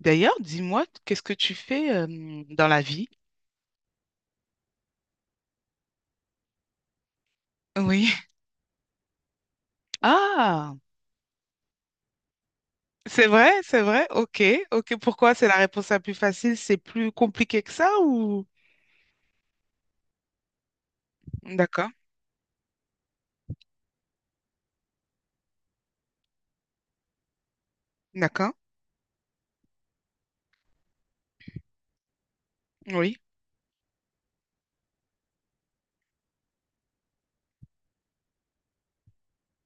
D'ailleurs, dis-moi, qu'est-ce que tu fais dans la vie? Oui. Ah, c'est vrai, c'est vrai. Ok, ok. Pourquoi c'est la réponse la plus facile? C'est plus compliqué que ça ou... D'accord, d'accord. Oui,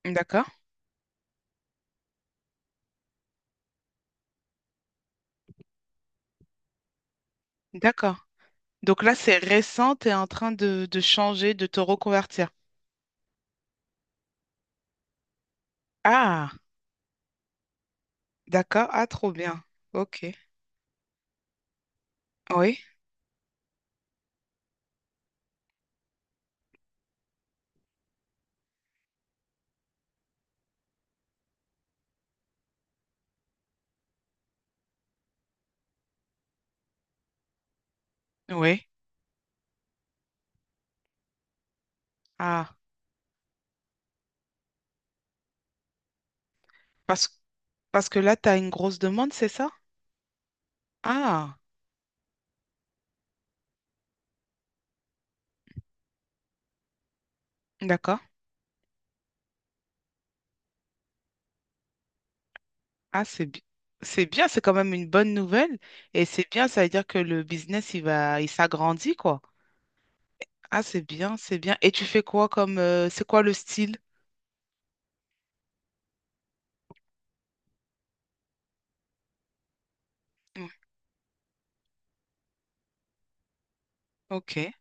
d'accord, d'accord. Donc là, c'est récent, tu es en train de changer, de te reconvertir. Ah, d'accord. Ah, trop bien. Ok. Oui, oui. Ah, parce, parce que là, tu as une grosse demande, c'est ça? Ah, d'accord. Ah, c'est bien, c'est quand même une bonne nouvelle. Et c'est bien, ça veut dire que le business, il va, il s'agrandit, quoi. Ah, c'est bien, c'est bien. Et tu fais quoi comme, c'est quoi le style? Mm. Ok,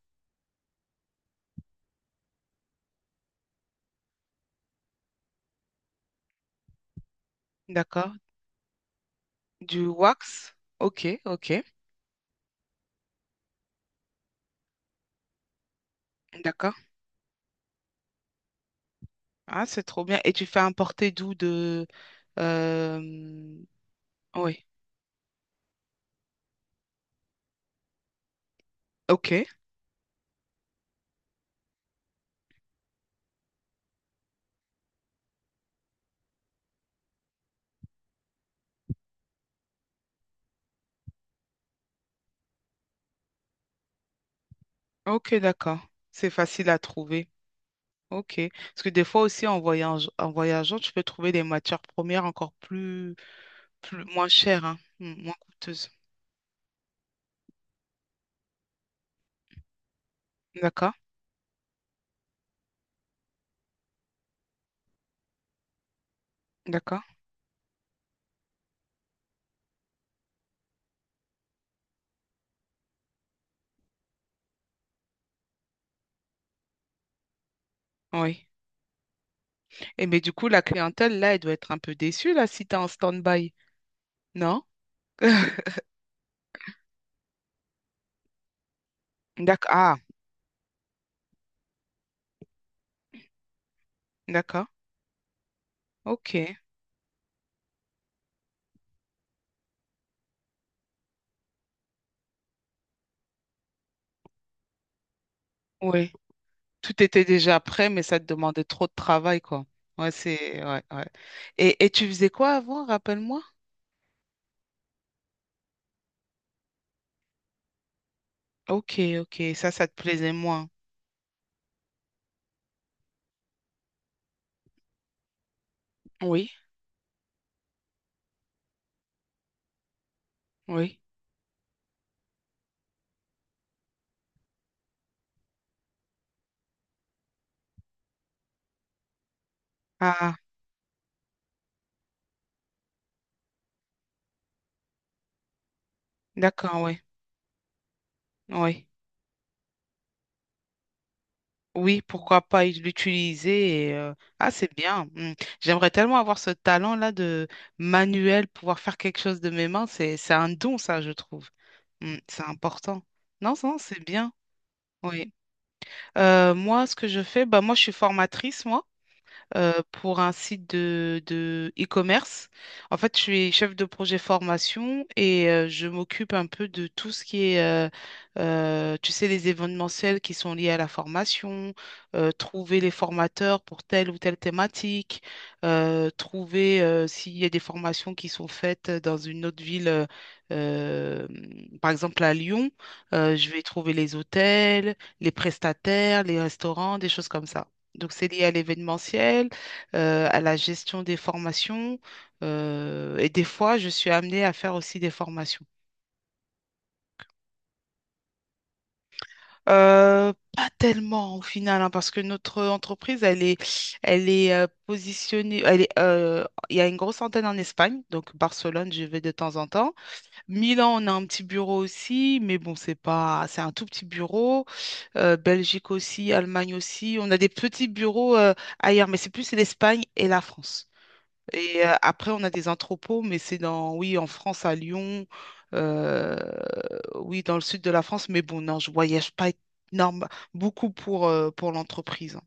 d'accord. Du wax? Ok, ok, d'accord. Ah, c'est trop bien. Et tu fais importer d'où de... euh, Oui, ok, ok, d'accord. C'est facile à trouver. Ok. Parce que des fois aussi, en voyage... en voyageant, tu peux trouver des matières premières encore plus... plus, moins chère, hein, moins coûteuse. D'accord, d'accord, oui. Et mais du coup, la clientèle, là, elle doit être un peu déçue, là, si t'es en stand-by, non? D'accord, ah, d'accord, ok, oui. Tout était déjà prêt, mais ça te demandait trop de travail, quoi. Ouais, c'est, ouais, ouais. Et tu faisais quoi avant, rappelle-moi? Ok, ok, ça te plaisait moins. Oui, oui. Ah, d'accord, oui, oui. Oui, pourquoi pas l'utiliser Ah, c'est bien. Mm. J'aimerais tellement avoir ce talent-là de manuel, pouvoir faire quelque chose de mes mains. C'est un don, ça, je trouve. Mm, c'est important. Non, non, c'est bien. Oui. Moi, ce que je fais, bah, moi, je suis formatrice, moi pour un site de e-commerce. En fait, je suis chef de projet formation et je m'occupe un peu de tout ce qui est, tu sais, les événementiels qui sont liés à la formation, trouver les formateurs pour telle ou telle thématique, trouver s'il y a des formations qui sont faites dans une autre ville. Euh, Par exemple, à Lyon, je vais trouver les hôtels, les prestataires, les restaurants, des choses comme ça. Donc, c'est lié à l'événementiel, à la gestion des formations. Et des fois, je suis amenée à faire aussi des formations. Pas tellement au final, hein, parce que notre entreprise, elle est positionnée. Elle est, il y a une grosse antenne en Espagne, donc Barcelone, je vais de temps en temps. Milan, on a un petit bureau aussi, mais bon, c'est pas, c'est un tout petit bureau. Belgique aussi, Allemagne aussi. On a des petits bureaux ailleurs, mais c'est plus l'Espagne et la France. Et après, on a des entrepôts, mais c'est dans, oui, en France, à Lyon, euh, oui, dans le sud de la France. Mais bon, non, je voyage pas énorme, beaucoup pour l'entreprise. Hein.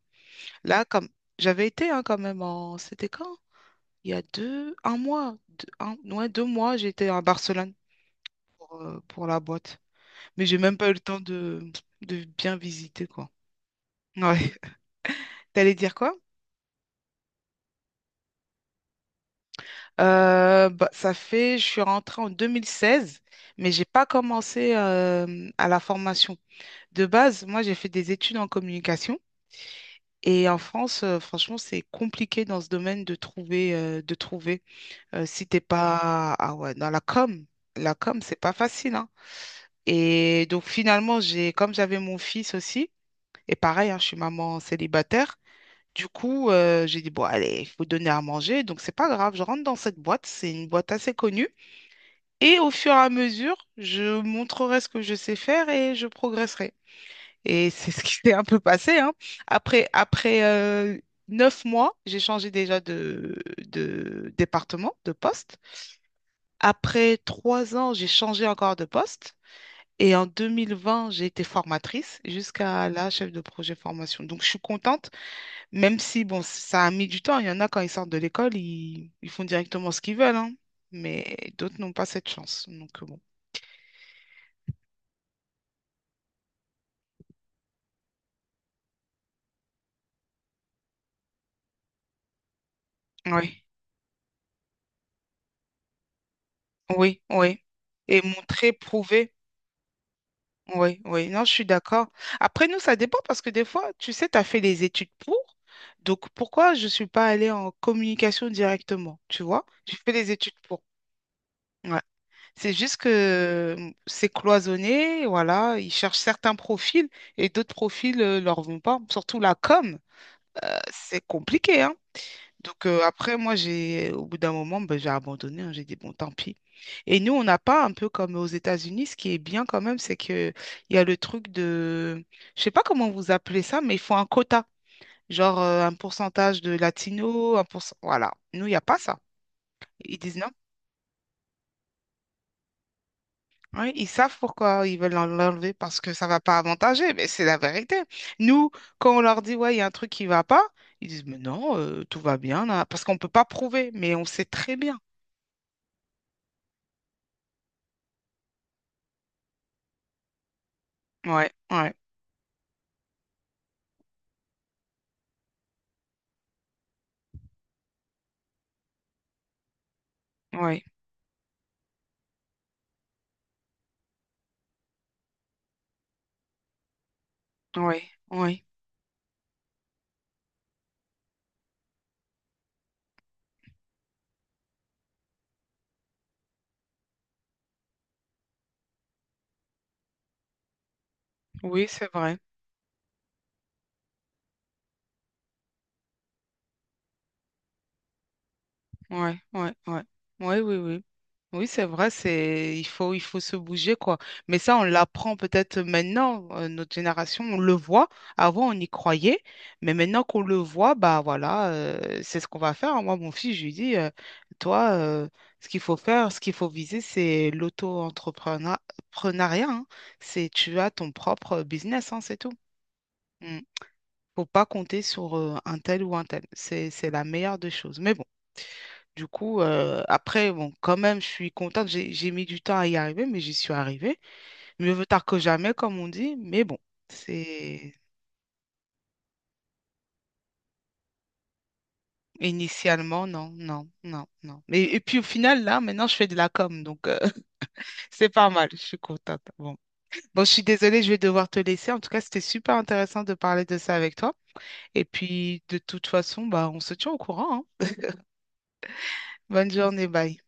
Là, comme j'avais été hein, quand même en, c'était quand? Il y a deux, un mois, deux, un- ouais, deux mois, j'étais à Barcelone pour la boîte. Mais j'ai même pas eu le temps de bien visiter, quoi. Ouais. T'allais dire quoi? Bah, ça fait, je suis rentrée en 2016, mais j'ai pas commencé à la formation. De base, moi, j'ai fait des études en communication. Et en France, franchement, c'est compliqué dans ce domaine de trouver, de trouver. Si t'es pas, ah ouais, dans la com, c'est pas facile, hein. Et donc finalement, j'ai, comme j'avais mon fils aussi, et pareil, hein, je suis maman célibataire. Du coup, j'ai dit bon, allez, il faut donner à manger, donc c'est pas grave. Je rentre dans cette boîte, c'est une boîte assez connue. Et au fur et à mesure, je montrerai ce que je sais faire et je progresserai. Et c'est ce qui s'est un peu passé, hein. Après, 9 mois, j'ai changé déjà de département, de poste. Après 3 ans, j'ai changé encore de poste. Et en 2020, j'ai été formatrice jusqu'à là, chef de projet formation. Donc, je suis contente, même si, bon, ça a mis du temps. Il y en a quand ils sortent de l'école, ils font directement ce qu'ils veulent, hein. Mais d'autres n'ont pas cette chance. Donc, bon. Oui. Oui, oui. Et montrer, prouver. Oui, oui. Non, je suis d'accord. Après, nous, ça dépend parce que des fois, tu sais, tu as fait les études pour. Donc, pourquoi je ne suis pas allée en communication directement? Tu vois? J'ai fait les études pour. Ouais. C'est juste que c'est cloisonné, voilà. Ils cherchent certains profils et d'autres profils ne leur vont pas. Surtout la com, c'est compliqué, hein. Donc après, moi, j'ai, au bout d'un moment, ben, j'ai abandonné. Hein. J'ai dit, bon, tant pis. Et nous, on n'a pas un peu comme aux États-Unis. Ce qui est bien quand même, c'est que il y a le truc de, je sais pas comment vous appelez ça, mais il faut un quota. Genre un pourcentage de latinos, un pourcent... Voilà. Nous, il n'y a pas ça. Ils disent non. Oui, ils savent pourquoi ils veulent l'enlever parce que ça va pas avantager, mais c'est la vérité. Nous, quand on leur dit, ouais, il y a un truc qui va pas, ils disent, mais non, tout va bien, là, parce qu'on peut pas prouver, mais on sait très bien. Ouais, ouais. Oui, oui, oui, oui, c'est vrai. Oui, oui, oui. Oui, oui, oui. Oui, c'est vrai, c'est il faut se bouger quoi. Mais ça on l'apprend peut-être maintenant notre génération, on le voit. Avant on y croyait, mais maintenant qu'on le voit, bah voilà, c'est ce qu'on va faire. Moi mon fils je lui dis toi ce qu'il faut faire, ce qu'il faut viser c'est l'auto-entrepreneuriat, hein. C'est tu as ton propre business hein, c'est tout. Mm. Faut pas compter sur un tel ou un tel. C'est la meilleure des choses. Mais bon, du coup, après, bon, quand même, je suis contente. J'ai mis du temps à y arriver, mais j'y suis arrivée. Mieux vaut tard que jamais, comme on dit. Mais bon, c'est initialement, non, non, non, non. Mais, et puis au final, là, maintenant, je fais de la com, donc c'est pas mal. Je suis contente. Bon. Bon, je suis désolée, je vais devoir te laisser. En tout cas, c'était super intéressant de parler de ça avec toi. Et puis, de toute façon, bah, on se tient au courant, hein. Bonne journée, bye.